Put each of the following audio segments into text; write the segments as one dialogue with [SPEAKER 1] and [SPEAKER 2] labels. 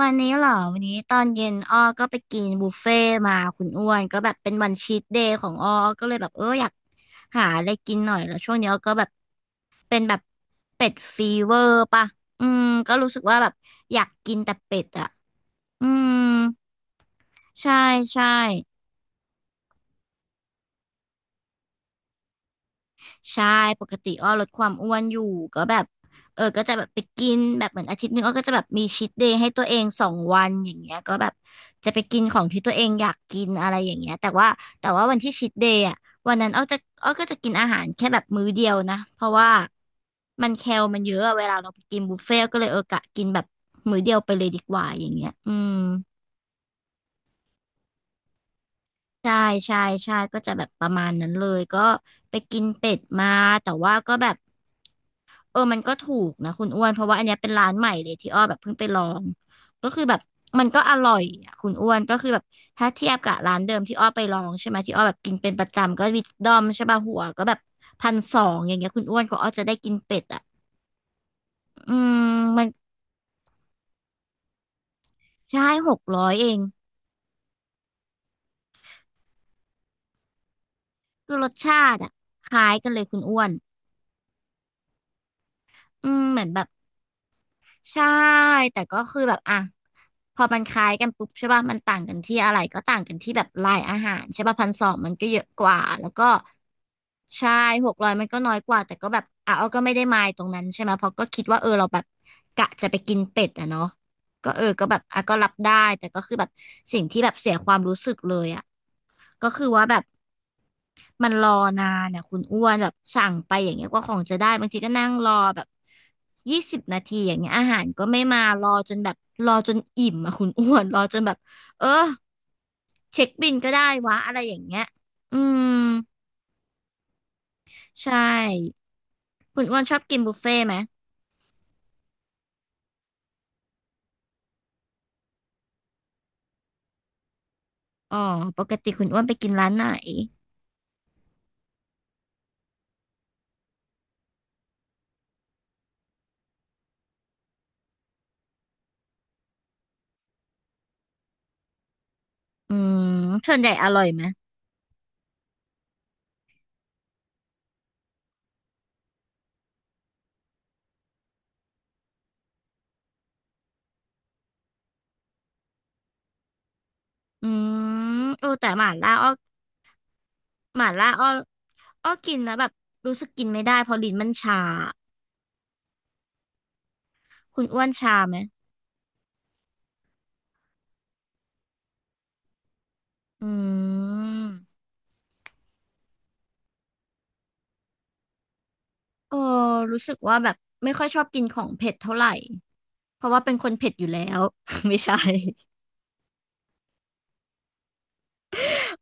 [SPEAKER 1] วันนี้เหรอวันนี้ตอนเย็นอ้อก็ไปกินบุฟเฟ่ต์มาคุณอ้วนก็แบบเป็นวันชีทเดย์ของอ้ออ้อก็เลยแบบอยากหาอะไรกินหน่อยแล้วช่วงนี้อ้อก็แบบเป็นแบบเป็ดฟีเวอร์ป่ะอืมก็รู้สึกว่าแบบอยากกินแต่เป็ดอ่ะอืมใช่ใช่ ใช่ปกติอ้อลดความอ้วนอยู่ก็แบบก็จะแบบไปกินแบบเหมือนอาทิตย์หนึงอ้อก็จะแบบมีชีทเดย์ให้ตัวเอง2 วันอย่างเงี้ยก็แบบจะไปกินของที่ตัวเองอยากกินอะไรอย่างเงี้ยแต่ว่าวันที่ชีทเดย์อ่ะวันนั้นอ้อก็จะกินอาหารแค่แบบมื้อเดียวนะเพราะว่ามันแคลมันเยอะอะเวลาเราไปกินบุฟเฟ่ต์ก็เลยกะกินแบบมื้อเดียวไปเลยดีกว่าอย่างเงี้ยอืมใช่ใช่ใช่ก็จะแบบประมาณนั้นเลยก็ไปกินเป็ดมาแต่ว่าก็แบบ มันก็ถูกนะคุณอ้วน เพราะว่าอันเนี้ยเป็นร้านใหม่เลยที่อ้อแบบเพิ่งไปลอง ก็คือแบบมันก็อร่อยอะคุณอ้วนก็คือแบบถ้าเทียบกับร้านเดิมที่อ้อไปลองใช่ไหมที่อ้อแบบกินเป็นประจำก็วิดดอมใช่ป่ะหัวก็แบบพันสองอย่างเงี้ยคุณอ้วนก็อ้อจะได้กินเป็ดอ่ะอืมมันใช่หกร้อยเองคือรสชาติอ่ะคล้ายกันเลยคุณอ้วนอืมเหมือนแบบ ใช่แต่ก็คือแบบอ่ะพอมันคล้ายกันปุ๊บใช่ป่ะมันต่างกันที่อะไรก็ต่างกันที่แบบลายอาหารใช่ป่ะพันสองมันก็เยอะกว่าแล้วก็ใช่หกร้อยมันก็น้อยกว่าแต่ก็แบบอ่ะเอาก็ไม่ได้มายตรงนั้นใช่ไหมเพราะก็คิดว่าเราแบบกะจะไปกินเป็ดอะเนาะก็ก็แบบอ่ะก็รับได้แต่ก็คือแบบสิ่งที่แบบเสียความรู้สึกเลยอะก็คือว่าแบบ มันรอนานอ่ะคุณอ้วนแบบสั่งไปอย่างเงี้ยกว่าของจะได้บางทีก็นั่งรอแบบ20 นาทีอย่างเงี้ยอาหารก็ไม่มารอจนแบบรอจนอิ่มอ่ะคุณอ้วนรอจนแบบเออเช็คบิลก็ได้วะอะไรอย่างเงี้ยอืมใช่คุณอ้วนชอบกินบุฟเฟ่ต์ไหมอ๋อปกติคุณอ้วนไปกินร้านไหนอืมส่วนใหญ่อร่อยไหมอืมแต่หม่าล่าอ้อหม่าล่าอ้ออ้อกินแล้วแบบรู้สึกกินไม่ได้เพราะลิ้นมันชา คุณอ้วนชาไหมอืมเออรู้สึกว่าแบบไม่ค่อยชอบกินของเผ็ดเท่าไหร่เพราะว่าเป็นคนเผ็ดอยู่แล้ว ไม่ใช่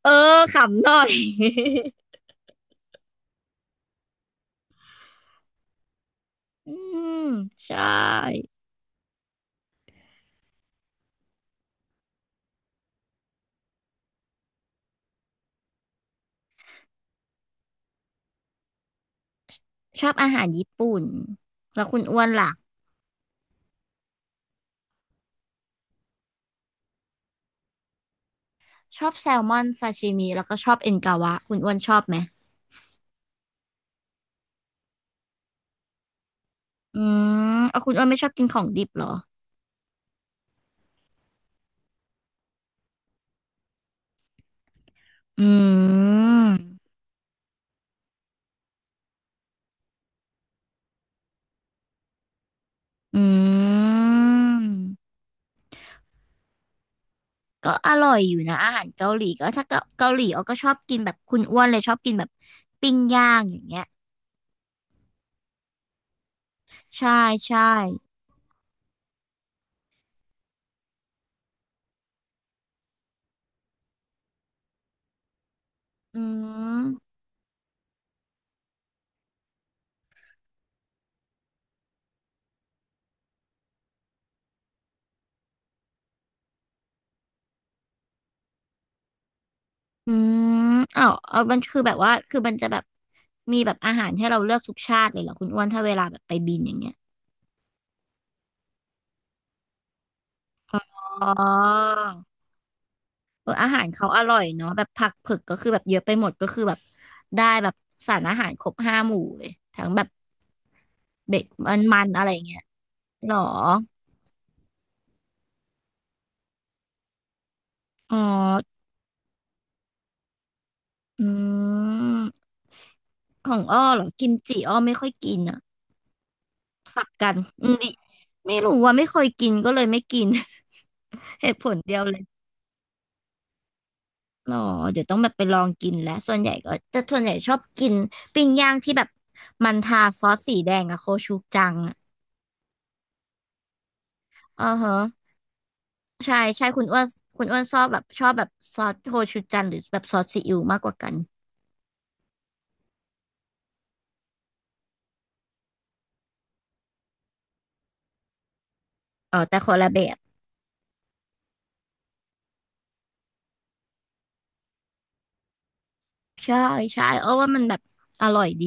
[SPEAKER 1] เออขำหน่อย อืมใช่ชอบอาหารญี่ปุ่นแล้วคุณอ้วนล่ะชอบแซลมอนซาชิมิแล้วก็ชอบเอ็นกาวะคุณอ้วนชอบไหมอืมเอาคุณอ้วนไม่ชอบกินของดิบเหรออืมอืม ก็อร่อยอยู่นะอาหารเกาหลีก็ถ้าเกาหลีอ้อก็ชอบกินแบบคุณอ้วนเลยชอบกินแบบปิ้งย่างอย่างเงี้ยใช่ใช่อืมอืมอ้าวเอามันคือแบบว่าคือมันจะแบบมีแบบอาหารให้เราเลือกทุกชาติเลยเหรอคุณอ้วนถ้าเวลาแบบไปบินอย่างเงี้ยอ๋ออาหารเขาอร่อยเนาะแบบผักเผือกก็คือแบบเยอะไปหมดก็คือแบบได้แบบสารอาหารครบ5 หมู่เลยทั้งแบบเบ็ดมันๆอะไรอย่างเงี้ยหรออ๋ออืม ของอ้อเหรอกิมจิอ้อไม่ค่อยกินอ่ะสับกันอืมดิไม่รู้ว่าไม่เคยกินก็เลยไม่กิน เหตุผลเดียวเลยหรอเดี๋ยวต้องแบบไปลองกินแล้วส่วนใหญ่ก็แต่ส่วนใหญ่ชอบกินปิ้งย่างที่แบบมันทาซอสสีแดงอะโคชูจังอะอ๋อฮะใช่ใช่คุณอ้วนคุณอ้วนชอบแบบชอบแบบซอสโคชูจังหรือแบบซอสซีอิ๊วมากกว่ากันอ๋อแต่คนละแบบใช่ใช่อ้อว่ามันแบบอร่อยดี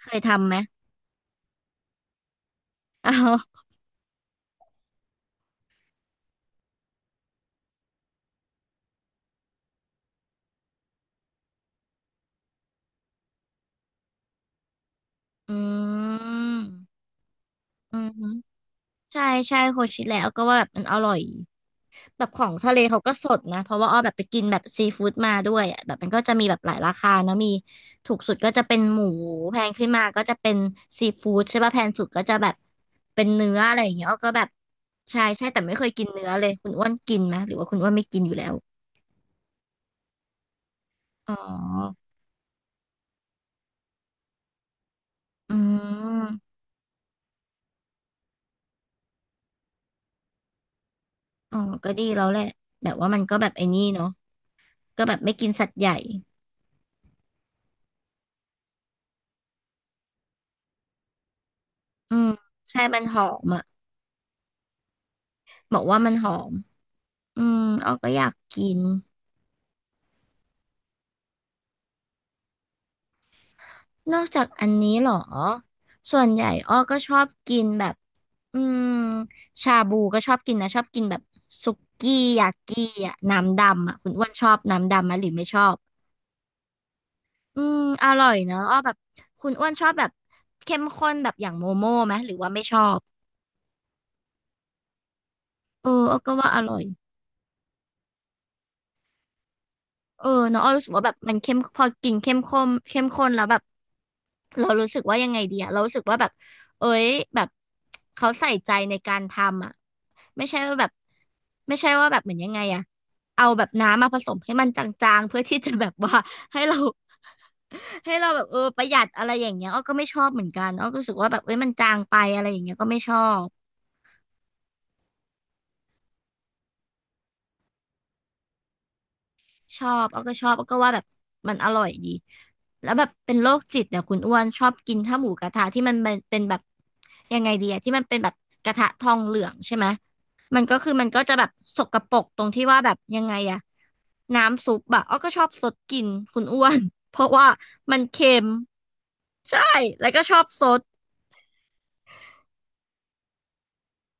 [SPEAKER 1] เคยทำไหมอ้าวอืมอืม ใช่ใช่โคชิแล้วก็ว่าแบบมันอร่อยแบบของทะเลเขาก็สดนะเพราะว่าอ้อแบบไปกินแบบซีฟู้ดมาด้วยอ่ะแบบมันก็จะมีแบบหลายราคาเนอะมีถูกสุดก็จะเป็นหมูแพงขึ้นมาก็จะเป็นซีฟู้ดใช่ป่ะแพงสุดก็จะแบบเป็นเนื้ออะไรอย่างเงี้ยอ้อก็แบบใช่ใช่แต่ไม่เคยกินเนื้อเลยคุณอ้วนกินไหมหรือว่าคุณอ้วนไม่กินอยู่แล้วอ๋ออืมอ๋อก็ดีแล้วแหละแบบว่ามันก็แบบไอ้นี่เนาะก็แบบไม่กินสัตว์ใหญ่อืมใช่มันหอมอ่ะบอกว่ามันหอม อืมอ้อก็อยากกินนอกจากอันนี้เหรอส่วนใหญ่อ้อก็ชอบกินแบบอืมชาบูก็ชอบกินนะชอบกินแบบสุกี้ยากิอ่ะน้ำดำอ่ะคุณอ้วนชอบน้ำดำไหมหรือไม่ชอบอืมอร่อยนะอ้อแบบคุณอ้วนชอบแบบเข้มข้นแบบอย่างโมโม่ไหมหรือว่าไม่ชอบเอออ้อก็ว่าอร่อย เออเนาะอ้อรู้สึกว่าแบบมันเข้มพอกินเข้มข้นเข้มข้นแล้วแบบเรารู้สึกว่ายังไงดีอะเรารู้สึกว่าแบบเอ้ยแบบเขาใส่ใจในการทำอะไม่ใช่ว่าแบบไม่ใช่ว่าแบบเหมือนยังไงอะเอาแบบน้ำมาผสมให้มันจางๆเพื่อที่จะแบบว่าให้เรา ให้เราแบบเออประหยัดอะไรอย่างเงี้ยอ้อก็ไม่ชอบเหมือนกันอ้อก็รู้สึกว่าแบบเอ้ยมันจางไปอะไรอย่างเงี้ยก็ไม่ชอบ ชอบเอาก็ชอบเอาก็ว่าแบบมันอร่อยดี แล้วแบบเป็นโรคจิตเนี่ยคุณอ้วนชอบกินข้าวหมูกระทะที่มันเป็นแบบยังไงดีอะที่มันเป็นแบบกระทะทองเหลืองใช่ไหมมันก็คือมันก็จะแบบสกปรกตรงที่ว่าแบบยังไงอะน้ำซุปอะอ้อก็ชอบสดกินคุณอ้วน เพราะว่ามันเค็มใช่แล้วก็ชอบซด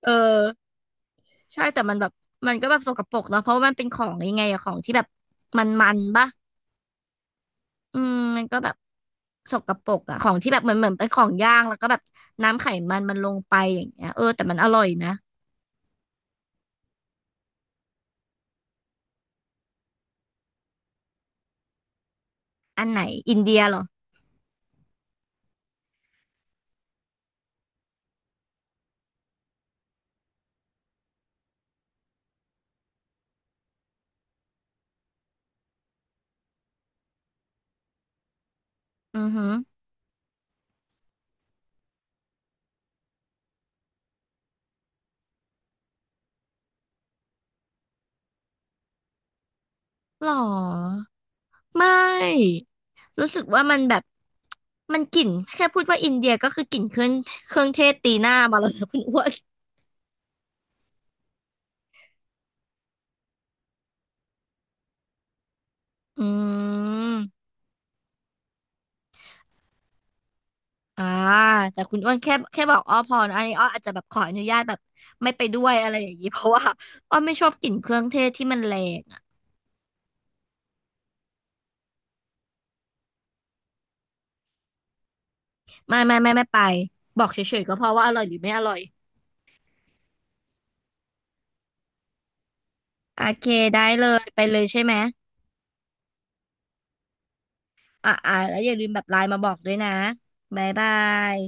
[SPEAKER 1] เออใช่แต่มันแบบมันก็แบบสกปรกเนาะเพราะว่ามันเป็นของยังไงอะของที่แบบมันปะ อืมมันก็แบบสกปรกอะของที่แบบเหมือนเป็นของย่างแล้วก็แบบน้ำไขมันมันลงไปอย่างเงี้ยเออแต่มันอร่อยนะอันไหนอินเดียเหรออือหือหรอไม่รู้สึกว่ามันแบบมันกลิ่นแค่พูดว่าอินเดียก็คือกลิ่นเครื่องเทศตีหน้ามาแล้วนะคุณอ้วนอืมอ่าแต่คุณอ้วนแค่บอกอ้อพอนะอันนี้อ้ออาจจะแบบขออนุญาตแบบไม่ไปด้วยอะไรอย่างนี้เพราะว่าอ้อไม่ชอบกลิ่นเครื่องเทศที่มันแรง ไม่ไปบอกเฉยๆก็เพราะว่าอร่อยหรือไม่อร่อยโอเคได้เลยไปเลยใช่ไหมอ่ะอ่ะแล้วอย่าลืมแบบไลน์มาบอกด้วยนะบ๊ายบาย